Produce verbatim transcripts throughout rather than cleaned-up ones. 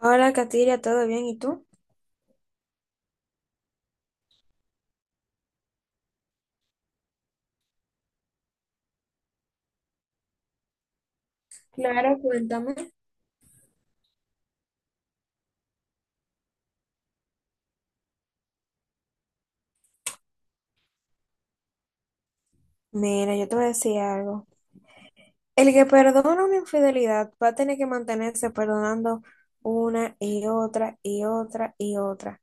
Hola, Katiria, ¿todo bien? ¿Y tú? Claro, cuéntame. Mira, yo te voy a decir algo. El que perdona una infidelidad va a tener que mantenerse perdonando una y otra y otra y otra.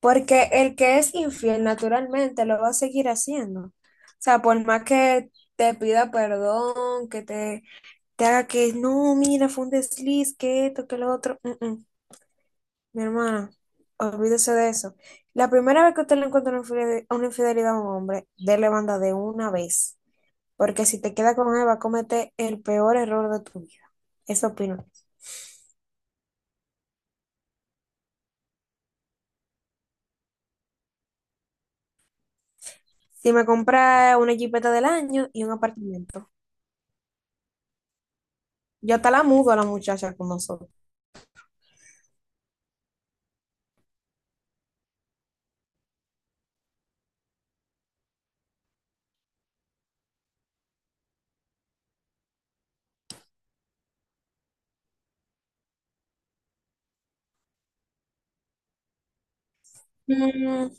Porque el que es infiel naturalmente lo va a seguir haciendo. O sea, por más que te pida perdón, que te, te haga que no, mira, fue un desliz, que esto, que lo otro. mm, mm". Mi hermana, olvídese de eso. La primera vez que usted le encuentra una infide- una infidelidad a un hombre, déle banda de una vez. Porque si te queda con él, va a cometer el peor error de tu vida. Eso opino. Si me compra una jipeta del año y un apartamento, yo hasta la mudo a la muchacha con nosotros. Mm,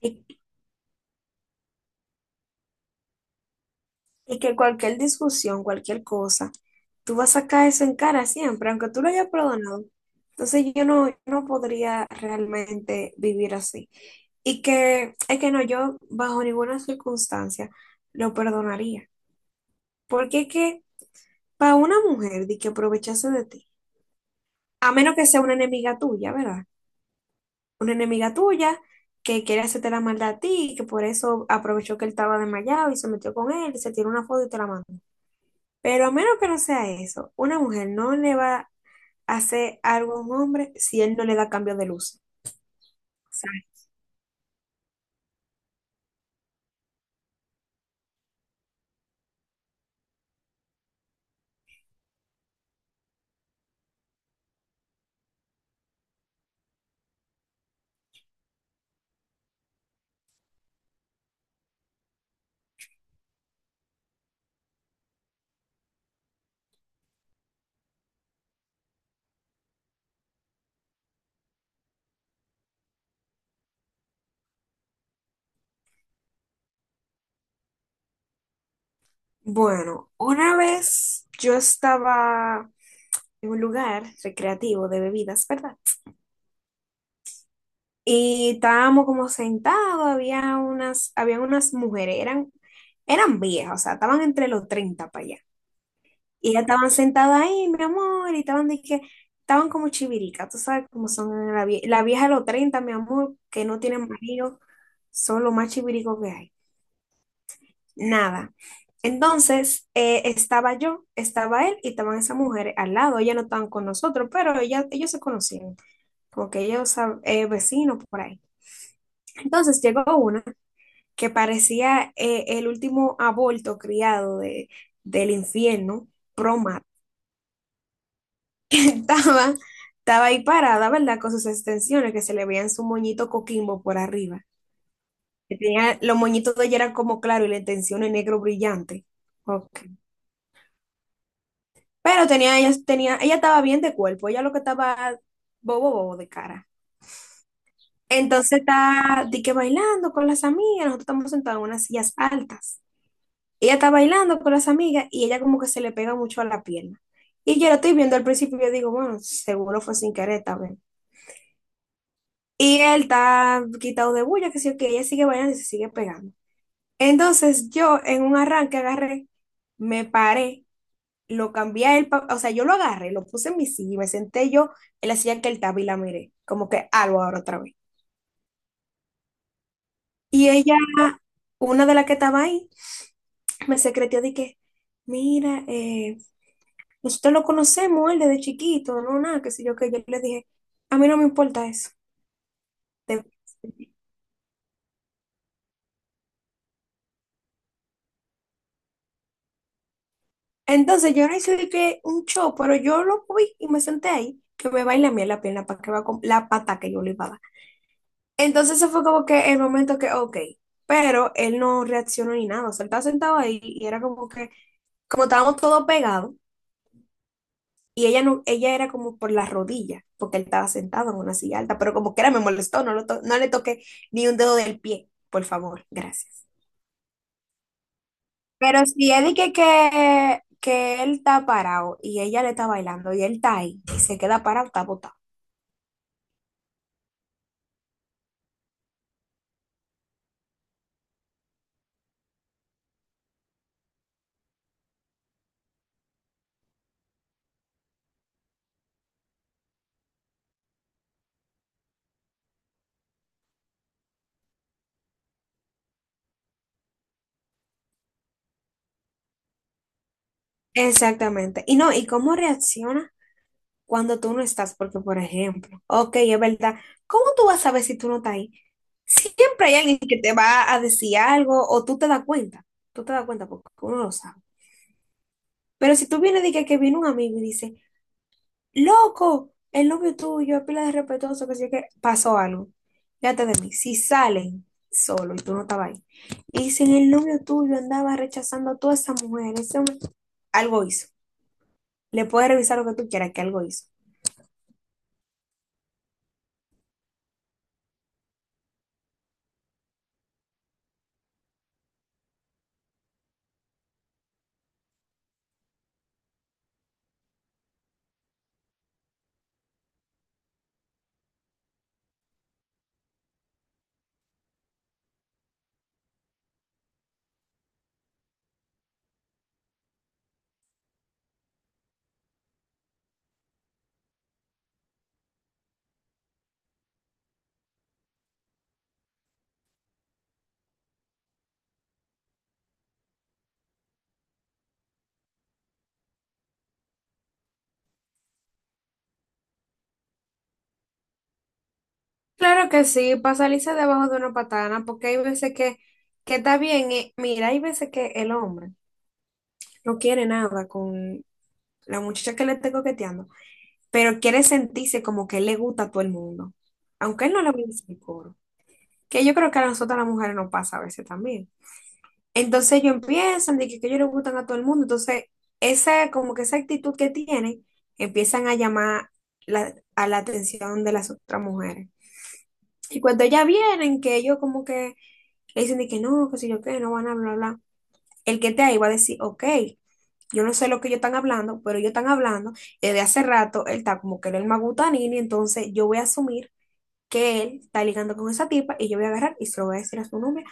y, y que cualquier discusión, cualquier cosa, tú vas a sacar eso en cara siempre, aunque tú lo hayas perdonado. Entonces yo no, yo no podría realmente vivir así. Y que es que no, yo bajo ninguna circunstancia lo perdonaría. Porque es que para una mujer de que aprovechase de ti, a menos que sea una enemiga tuya, ¿verdad? Una enemiga tuya que quiere hacerte la maldad a ti y que por eso aprovechó que él estaba desmayado y se metió con él y se tiró una foto y te la mandó. Pero a menos que no sea eso, una mujer no le va a hacer algo a un hombre si él no le da cambio de luz. O sea, bueno, una vez yo estaba en un lugar recreativo de bebidas, ¿verdad? Y estábamos como sentados, había unas, habían unas mujeres, eran, eran viejas, o sea, estaban entre los treinta para allá. Y ya estaban sentadas ahí, mi amor, y estaban de que, estaban como chiviricas, tú sabes cómo son la, vie- la vieja de los treinta, mi amor, que no tienen marido, son los más chiviricos que hay. Nada. Entonces, eh, estaba yo, estaba él y estaban esas mujeres al lado. Ellas no estaban con nosotros, pero ellas, ellos se conocían. como que ellos sab- eh, vecinos por ahí. Entonces llegó una que parecía eh, el último aborto criado de, del infierno, proma. Estaba, estaba ahí parada, ¿verdad? Con sus extensiones que se le veían su moñito coquimbo por arriba. Que tenía, los moñitos de ella eran como claro y la extensión en negro brillante. Ok. Pero tenía, ella, tenía, ella estaba bien de cuerpo, ella lo que estaba bobo, bobo de cara. Entonces está di que bailando con las amigas, nosotros estamos sentados en unas sillas altas. Ella está bailando con las amigas y ella como que se le pega mucho a la pierna. Y yo lo estoy viendo al principio y yo digo, bueno, seguro fue sin querer también. Y él está quitado de bulla, que sí, que ella sigue bailando y se sigue pegando. Entonces yo en un arranque agarré, me paré, lo cambié a él, pa- o sea, yo lo agarré, lo puse en mi silla y me senté yo en la silla que él estaba y la miré, como que algo ahora otra vez. Y ella, una de las que estaba ahí, me secretó de que, mira, eh, nosotros lo conocemos, él desde chiquito, no, nada, qué sé yo, que yo le dije, a mí no me importa eso. De... entonces yo no hice de que un show, pero yo lo vi y me senté ahí, que me baila a mí en la pierna para que va con la pata que yo le iba a dar. Entonces eso fue como que el momento que, ok, pero él no reaccionó ni nada, o sea, él estaba sentado ahí y era como que, como estábamos todos pegados, y ella no, ella era como por las rodillas, porque él estaba sentado en una silla alta, pero como que era me molestó, no, lo to- no le toqué ni un dedo del pie, por favor, gracias. Pero si él dice que, que él está parado y ella le está bailando y él está ahí y se queda parado, está botado. Exactamente. Y no, ¿y cómo reacciona cuando tú no estás? Porque, por ejemplo, ok, es verdad, ¿cómo tú vas a saber si tú no estás ahí? Siempre hay alguien que te va a decir algo o tú te das cuenta. Tú te das cuenta porque uno lo sabe. Pero si tú vienes y que, que viene un amigo y dice, loco, el novio tuyo es pila de respetuoso, que si que pasó algo. Fíjate de mí, si salen solo y tú no estabas ahí, y dicen el novio tuyo andaba rechazando a toda esa mujer, ese hombre, algo hizo. Le puedes revisar lo que tú quieras, que algo hizo. Claro que sí, para salirse debajo de una patana, porque hay veces que, que está bien, eh, mira, hay veces que el hombre no quiere nada con la muchacha que le esté coqueteando, pero quiere sentirse como que él le gusta a todo el mundo, aunque él no le vaya a decir coro. Que yo creo que a nosotras las mujeres nos pasa a veces también. Entonces ellos empiezan de que, que ellos le gustan a todo el mundo, entonces esa, como que esa actitud que tienen, empiezan a llamar la- a la atención de las otras mujeres. Y cuando ellas vienen, que ellos como que le dicen de que no, que si yo qué, no van a hablar, bla, bla. El que te ahí va a decir, ok, yo no sé lo que ellos están hablando, pero ellos están hablando, y desde hace rato él está como que él es el magutanini, entonces yo voy a asumir que él está ligando con esa tipa y yo voy a agarrar y se lo voy a decir a su novia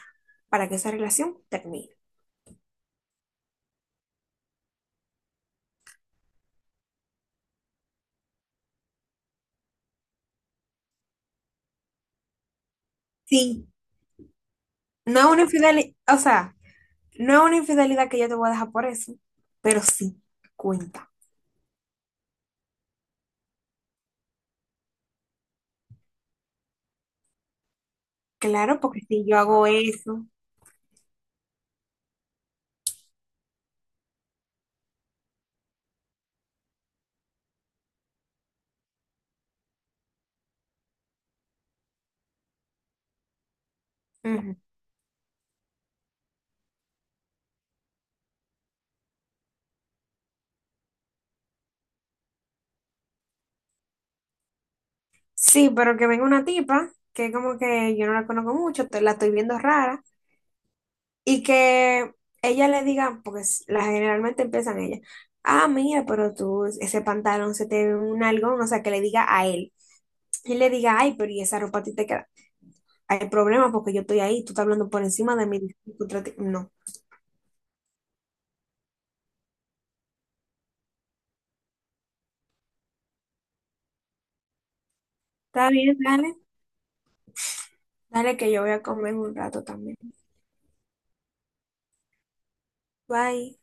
para que esa relación termine. Sí, no es una infidelidad, o sea, no es una infidelidad que yo te voy a dejar por eso, pero sí cuenta. Claro, porque si yo hago eso, ujú. Sí, pero que venga una tipa que como que yo no la conozco mucho, te- la estoy viendo rara, y que ella le diga, porque s- la generalmente empiezan ella, ah, mira, pero tú, ese pantalón se te ve un algo, o sea, que le diga a él. Y le diga, ay, pero y esa ropa a ti te queda. Hay problema porque yo estoy ahí, tú estás hablando por encima de mí. Disculpa, trate- no. Está bien, dale. Dale que yo voy a comer un rato también. Bye.